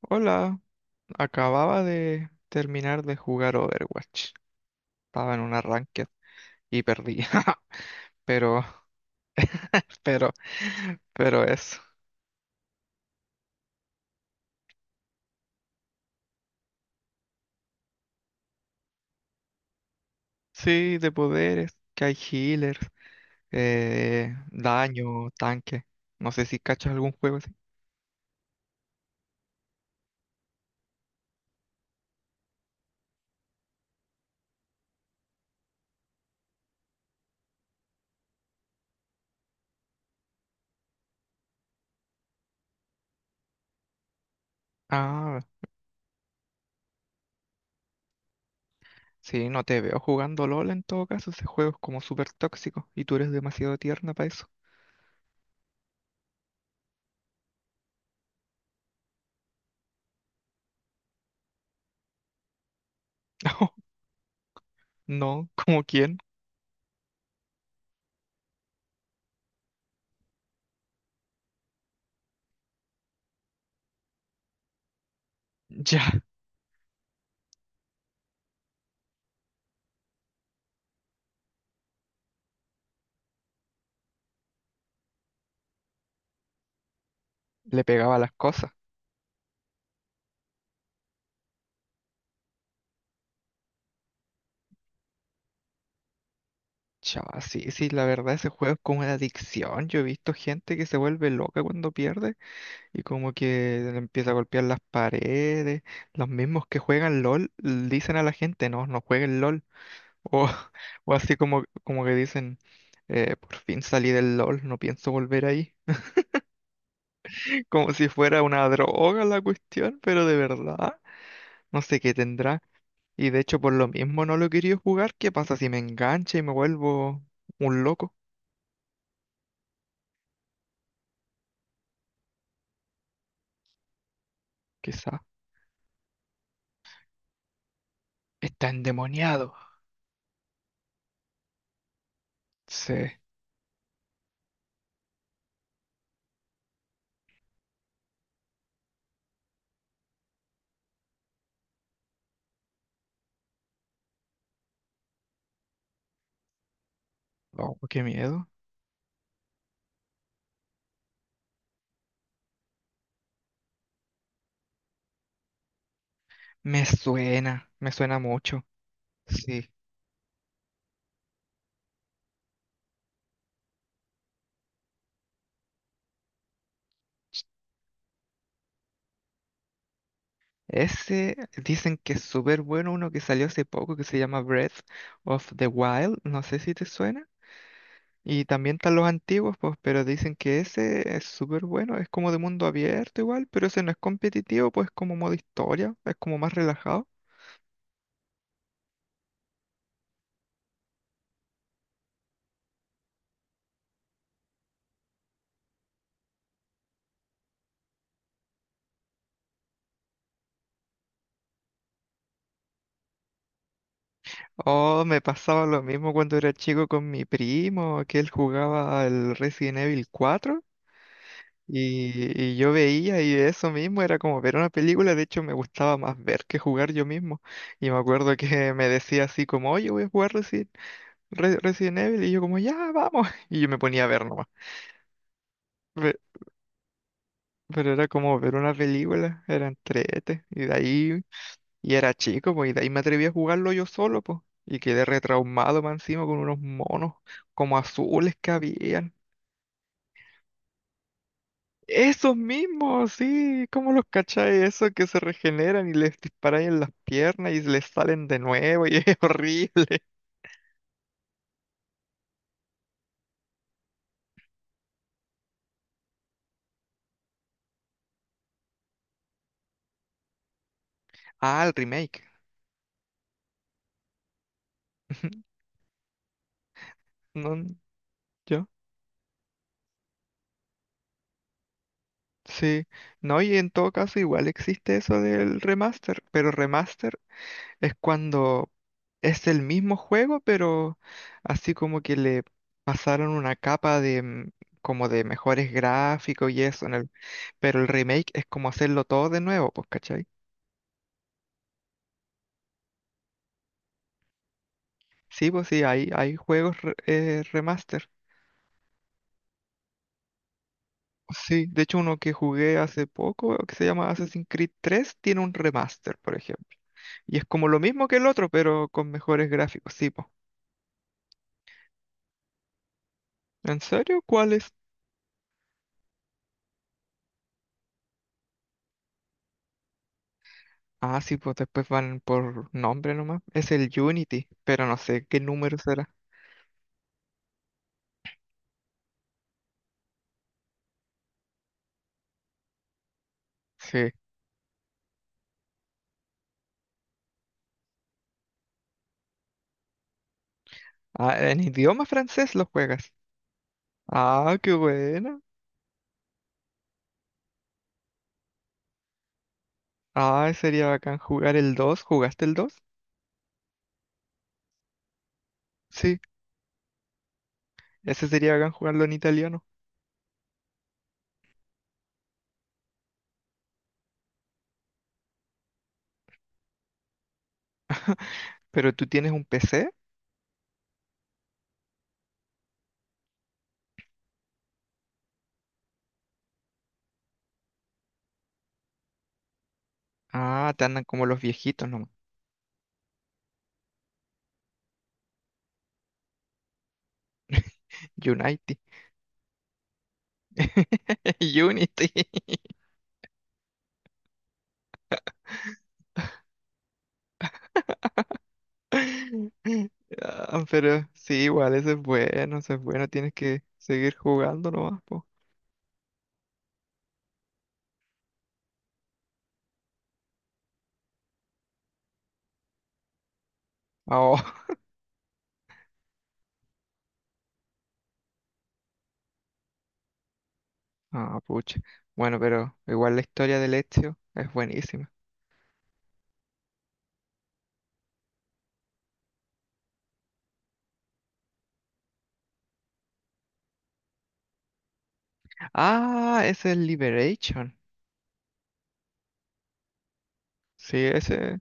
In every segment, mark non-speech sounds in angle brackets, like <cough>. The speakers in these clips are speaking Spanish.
Hola, acababa de terminar de jugar Overwatch. Estaba en una ranked y perdí. <laughs> Pero, pero, pero eso. Sí, de poderes, que hay healers, daño, tanque. No sé si cachas algún juego así. Ah, sí, no te veo jugando LOL en todo caso. Ese juego es como súper tóxico y tú eres demasiado tierna para eso. <laughs> No, no, ¿como quién? Ya, le pegaba las cosas. Chava, sí, sí, la verdad ese juego es como una adicción. Yo he visto gente que se vuelve loca cuando pierde y como que le empieza a golpear las paredes. Los mismos que juegan LOL dicen a la gente, no, no jueguen LOL. O, <laughs> o así como, como que dicen, por fin salí del LOL, no pienso volver ahí. <laughs> Como si fuera una droga la cuestión, pero de verdad, no sé qué tendrá. Y de hecho por lo mismo no lo he querido jugar. ¿Qué pasa si me engancha y me vuelvo un loco? Quizás. Está endemoniado. Sí. Oh, qué miedo. Me suena mucho. Sí. Ese dicen que es súper bueno uno que salió hace poco que se llama Breath of the Wild. No sé si te suena. Y también están los antiguos, pues, pero dicen que ese es súper bueno. Es como de mundo abierto igual, pero ese no es competitivo, pues como modo historia. Es como más relajado. Oh, me pasaba lo mismo cuando era chico con mi primo, que él jugaba al Resident Evil 4. Y, y yo veía y eso mismo era como ver una película, de hecho me gustaba más ver que jugar yo mismo. Y me acuerdo que <laughs> me decía así como, oye, voy a jugar Resident, Resident Evil, y yo como, ya, vamos. <laughs> Y yo me ponía a ver nomás. Pe- Pero, era como ver una película, era entrete, y de ahí, y era chico, pues, y de ahí me atreví a jugarlo yo solo, pues. Y quedé retraumado más encima con unos monos como azules que habían. Esos mismos, sí, ¿cómo los cacháis? Eso que se regeneran y les disparáis en las piernas y les salen de nuevo y es <laughs> horrible. Ah, el remake. <laughs> No, yo. Sí. No, y en todo caso igual existe eso del remaster, pero remaster es cuando es el mismo juego, pero así como que le pasaron una capa de como de mejores gráficos y eso en el, pero el remake es como hacerlo todo de nuevo, pues. Sí, pues sí, hay juegos remaster. Sí, de hecho uno que jugué hace poco, que se llama Assassin's Creed 3, tiene un remaster, por ejemplo. Y es como lo mismo que el otro, pero con mejores gráficos. Sí, pues. ¿En serio? ¿Cuál es? Ah, sí, pues después van por nombre nomás. Es el Unity, pero no sé qué número será. Sí. Ah, en idioma francés lo juegas. Ah, qué bueno. Ah, sería bacán jugar el 2. ¿Jugaste el 2? Sí, ese sería bacán jugarlo en italiano. ¿Pero tú tienes un PC? Ah, te andan como los viejitos nomás. <laughs> Unity. <laughs> Unity. <laughs> Ah, pero sí, igual, eso es bueno, eso es bueno. Tienes que seguir jugando nomás, po. Ah, oh, <laughs> ah, pucha. Bueno, pero igual la historia del Ezio es buenísima. Ah, ese es Liberation. Sí, ese,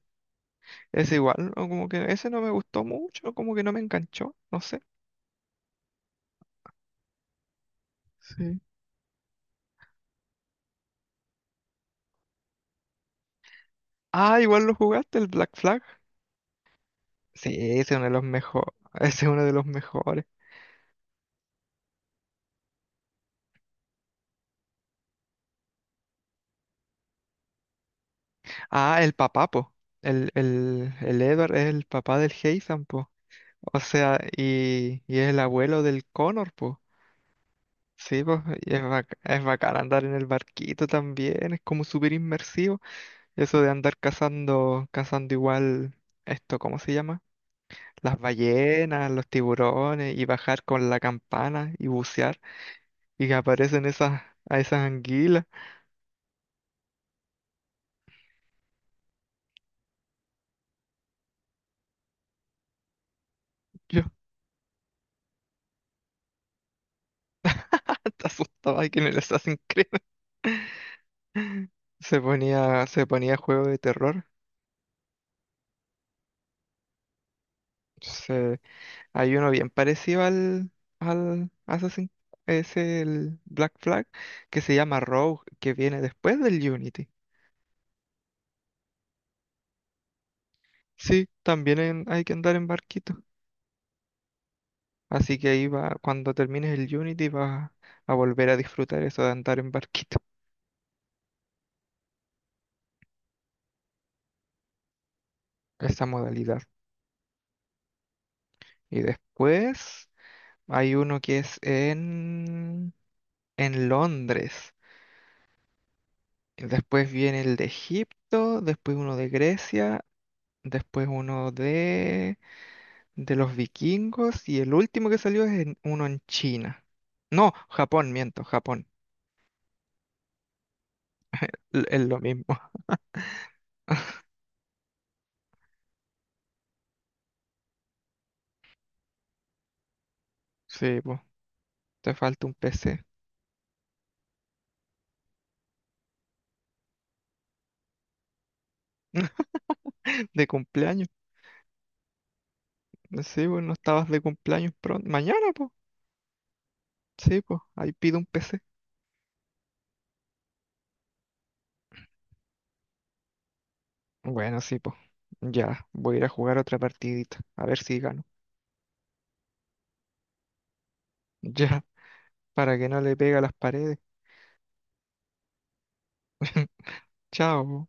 ese igual, o como que ese no me gustó mucho, como que no me enganchó, no sé. Sí. Ah, igual lo jugaste, el Black Flag. Sí, ese es uno de los mejores. <laughs> Ese es uno de los mejores. Ah, el papá, po. El Edward es el papá del Heizan, po. O sea, y es el abuelo del Connor, po. Sí, po. Es, es bacán andar en el barquito también. Es como súper inmersivo. Eso de andar cazando, cazando igual, esto, ¿cómo se llama? Las ballenas, los tiburones, y bajar con la campana y bucear. Y que aparecen esas, a esas anguilas. Yo <laughs> hasta asustaba que me las hacen creer. <laughs> Se ponía juego de terror. Sí, hay uno bien parecido al, al Assassin, es el Black Flag, que se llama Rogue, que viene después del Unity. Sí, también hay que andar en barquito. Así que ahí va, cuando termines el Unity vas a volver a disfrutar eso de andar en barquito, <laughs> esa modalidad. Y después hay uno que es en Londres. Y después viene el de Egipto, después uno de Grecia, después uno de los vikingos y el último que salió es uno en China. No, Japón, miento, Japón. Es lo mismo. <laughs> Sí, pues, te falta un PC. <laughs> De cumpleaños. Sí, pues, no estabas de cumpleaños pronto. Mañana, pues. Sí, pues, ahí pido un PC. Bueno, sí, pues. Ya, voy a ir a jugar otra partidita. A ver si gano. <laughs> Ya, para que no le pegue a las paredes. <laughs> Chao.